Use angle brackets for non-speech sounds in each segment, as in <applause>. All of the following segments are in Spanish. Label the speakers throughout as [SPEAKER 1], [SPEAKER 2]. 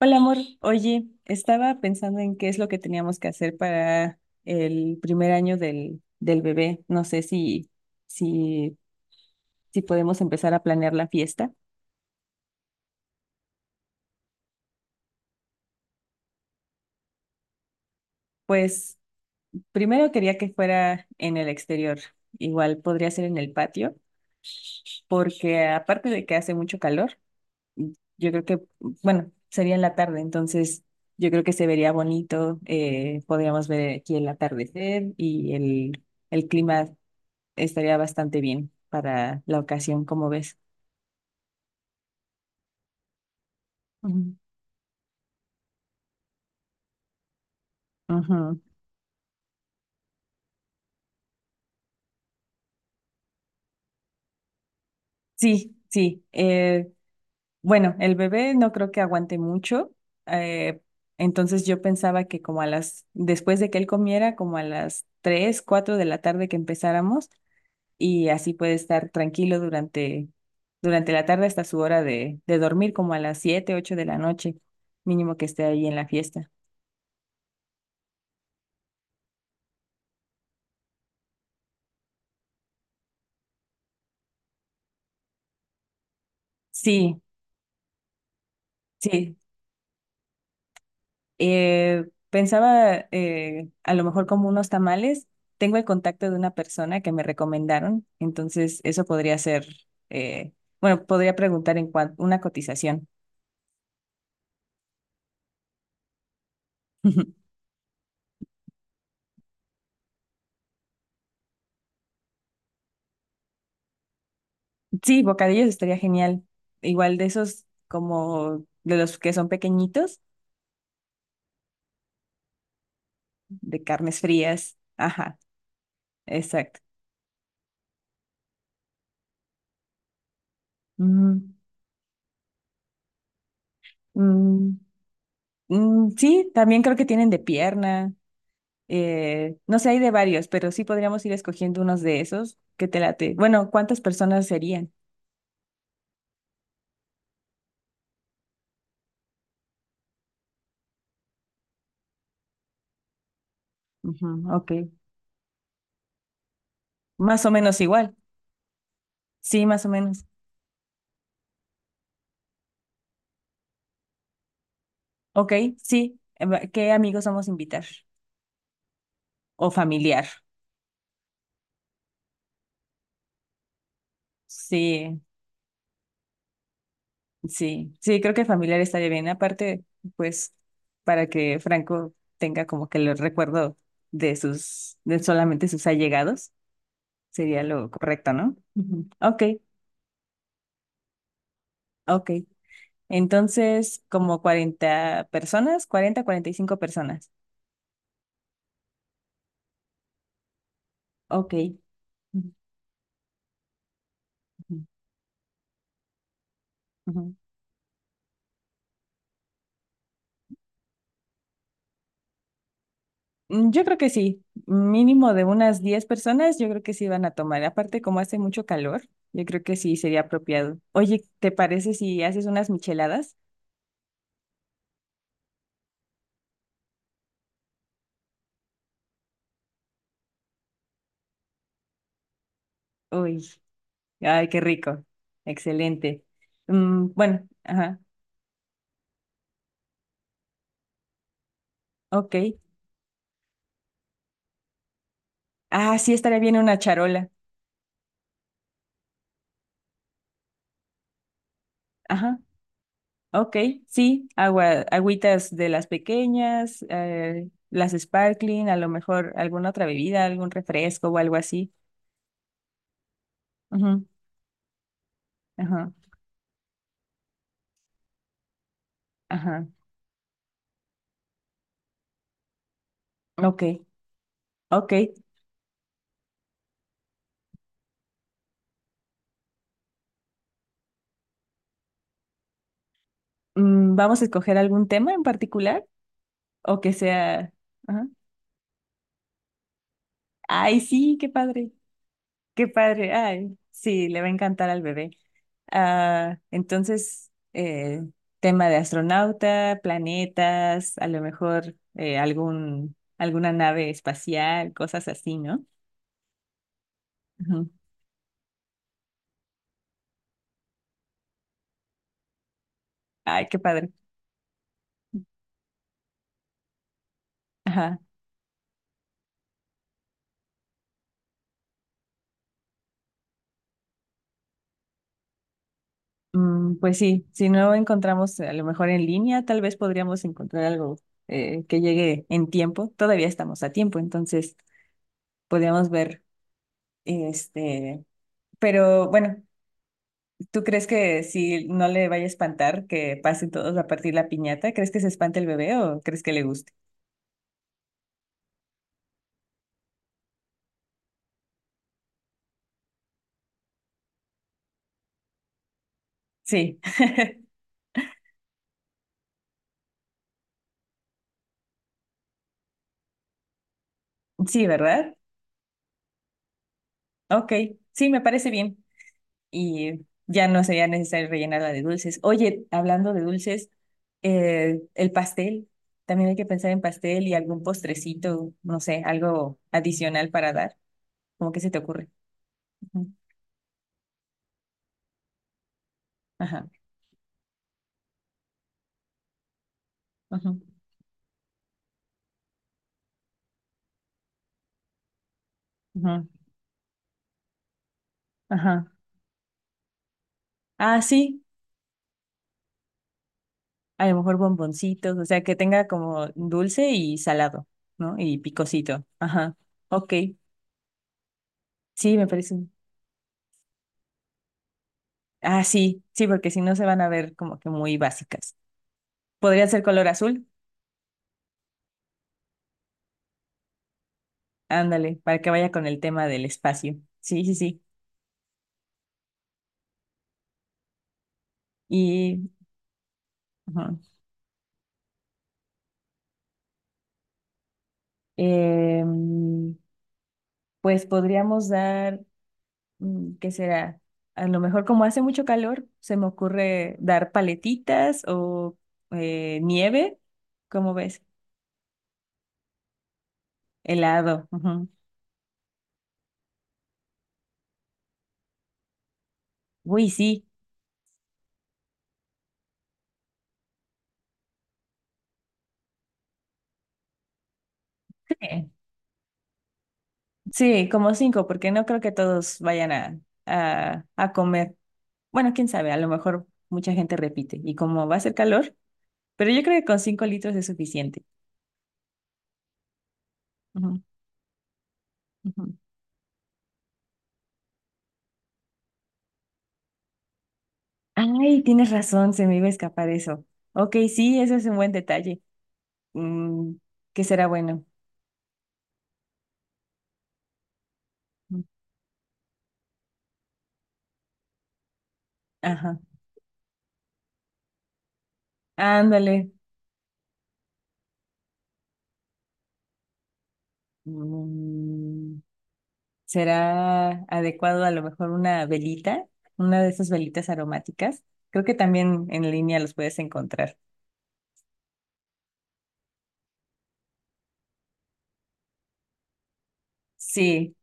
[SPEAKER 1] Hola, amor. Oye, estaba pensando en qué es lo que teníamos que hacer para el primer año del bebé. No sé si, si podemos empezar a planear la fiesta. Pues primero quería que fuera en el exterior. Igual podría ser en el patio, porque aparte de que hace mucho calor, yo creo que, bueno, sería en la tarde, entonces yo creo que se vería bonito. Podríamos ver aquí el atardecer y el clima. Estaría bastante bien para la ocasión, como ves. Ujú. Ujú. Sí, sí. Bueno, el bebé no creo que aguante mucho. eh, entonces yo pensaba que después de que él comiera, como a las 3 4 de la tarde que empezáramos, y así puede estar tranquilo durante la tarde hasta su hora de dormir, como a las 7 8 de la noche, mínimo que esté ahí en la fiesta. Sí, sí. Pensaba, a lo mejor como unos tamales. Tengo el contacto de una persona que me recomendaron, entonces eso podría ser. eh, bueno, podría preguntar en cuanto una cotización. <laughs> Sí, bocadillos estaría genial. Igual de esos como de los que son pequeñitos, de carnes frías. Ajá, exacto. Mm, mm, mm, sí, también creo que tienen de pierna. No sé, hay de varios, pero sí podríamos ir escogiendo unos de esos que te late. Bueno, ¿cuántas personas serían? Ujú, ok, más o menos igual. Sí, más o menos. Ok, sí. ¿Qué amigos vamos a invitar? O familiar. Sí, sí, sí, creo que familiar estaría bien. Aparte, pues, para que Franco tenga como que el recuerdo de sus, de solamente sus allegados, sería lo correcto, ¿no? Ujú. Ok, ok. Entonces, como 40 personas, 40, 45 personas. Ok. Ujú, ujú. Yo creo que sí, mínimo de unas 10 personas, yo creo que sí van a tomar. Aparte, como hace mucho calor, yo creo que sí sería apropiado. Oye, ¿te parece si haces unas micheladas? Uy, ay, qué rico. Excelente. Mm, bueno, ajá, ok. Ah, sí, estaría bien una charola. Ajá. Ok, sí, agua, agüitas de las pequeñas, las sparkling, a lo mejor alguna otra bebida, algún refresco o algo así. Ujú, ajá, ajá, ok, ok. Mm, ¿vamos a escoger algún tema en particular? O que sea... ajá. Ay, sí, qué padre, qué padre. Ay, sí, le va a encantar al bebé. Ah, entonces, tema de astronauta, planetas, a lo mejor algún, alguna nave espacial, cosas así, ¿no? Ujú. Ay, qué padre. Ajá. Mm, pues sí, si no encontramos a lo mejor en línea, tal vez podríamos encontrar algo, que llegue en tiempo. Todavía estamos a tiempo, entonces podríamos ver, este, pero bueno. ¿Tú crees que si no le vaya a espantar que pasen todos a partir la piñata? ¿Crees que se espante el bebé o crees que le guste? Sí, <laughs> sí, ¿verdad? Ok, sí, me parece bien. Y ya no sería necesario rellenarla de dulces. Oye, hablando de dulces, el pastel, también hay que pensar en pastel y algún postrecito, no sé, algo adicional para dar. ¿Cómo que se te ocurre? Ujú, ajá, ajá, ajá, ajá. Ah, sí. A lo mejor bomboncitos, o sea, que tenga como dulce y salado, ¿no? Y picosito. Ajá. Ok. Sí, me parece. Ah, sí, sí, porque si no se van a ver como que muy básicas. Podría ser color azul. Ándale, para que vaya con el tema del espacio. Sí, sí, sí. Y ajá. Em, pues podríamos dar, mm, ¿qué será? A lo mejor como hace mucho calor, se me ocurre dar paletitas o nieve, ¿cómo ves? Helado. Ujú. Uy, sí. Sí, sí, como cinco, porque no creo que todos vayan a comer. Bueno, quién sabe, a lo mejor mucha gente repite. Y como va a hacer calor, pero yo creo que con cinco litros es suficiente. Ujú, ujú. Ay, tienes razón, se me iba a escapar eso. Ok, sí, eso es un buen detalle. Mm, ¿qué será bueno? Ajá. Ándale. Mm, será adecuado a lo mejor una velita, una de esas velitas aromáticas. Creo que también en línea los puedes encontrar. Sí,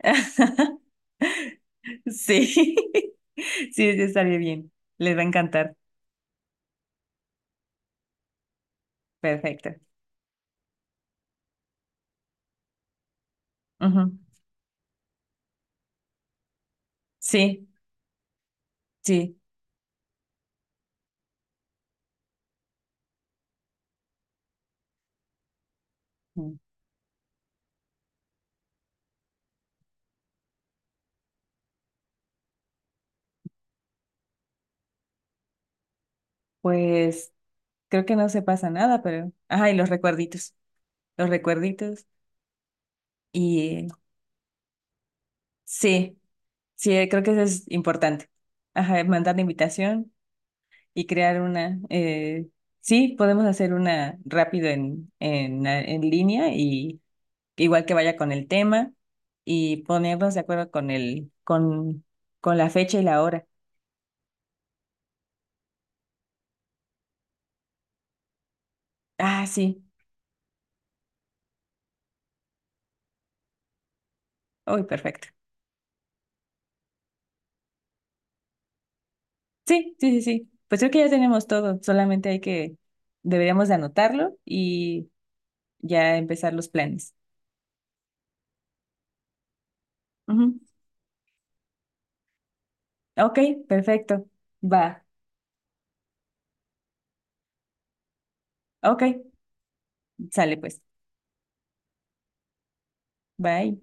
[SPEAKER 1] <laughs> sí, <laughs> sí, sí, estaría bien. Les va a encantar. Perfecto. Ujú. Sí, sí. Mm. Pues creo que no se pasa nada, pero... Ajá, y los recuerditos, los recuerditos. Y sí, sí, creo que eso es importante. Ajá, mandar la invitación y crear una. Sí, podemos hacer una rápido en línea y igual que vaya con el tema y ponernos de acuerdo con con la fecha y la hora. Ah, sí. Uy, perfecto. Sí, sí, sí, sí. Pues creo que ya tenemos todo. Solamente hay que, deberíamos de anotarlo y ya empezar los planes. Ujú. Ok, perfecto. Va. Ok, sale pues. Bye.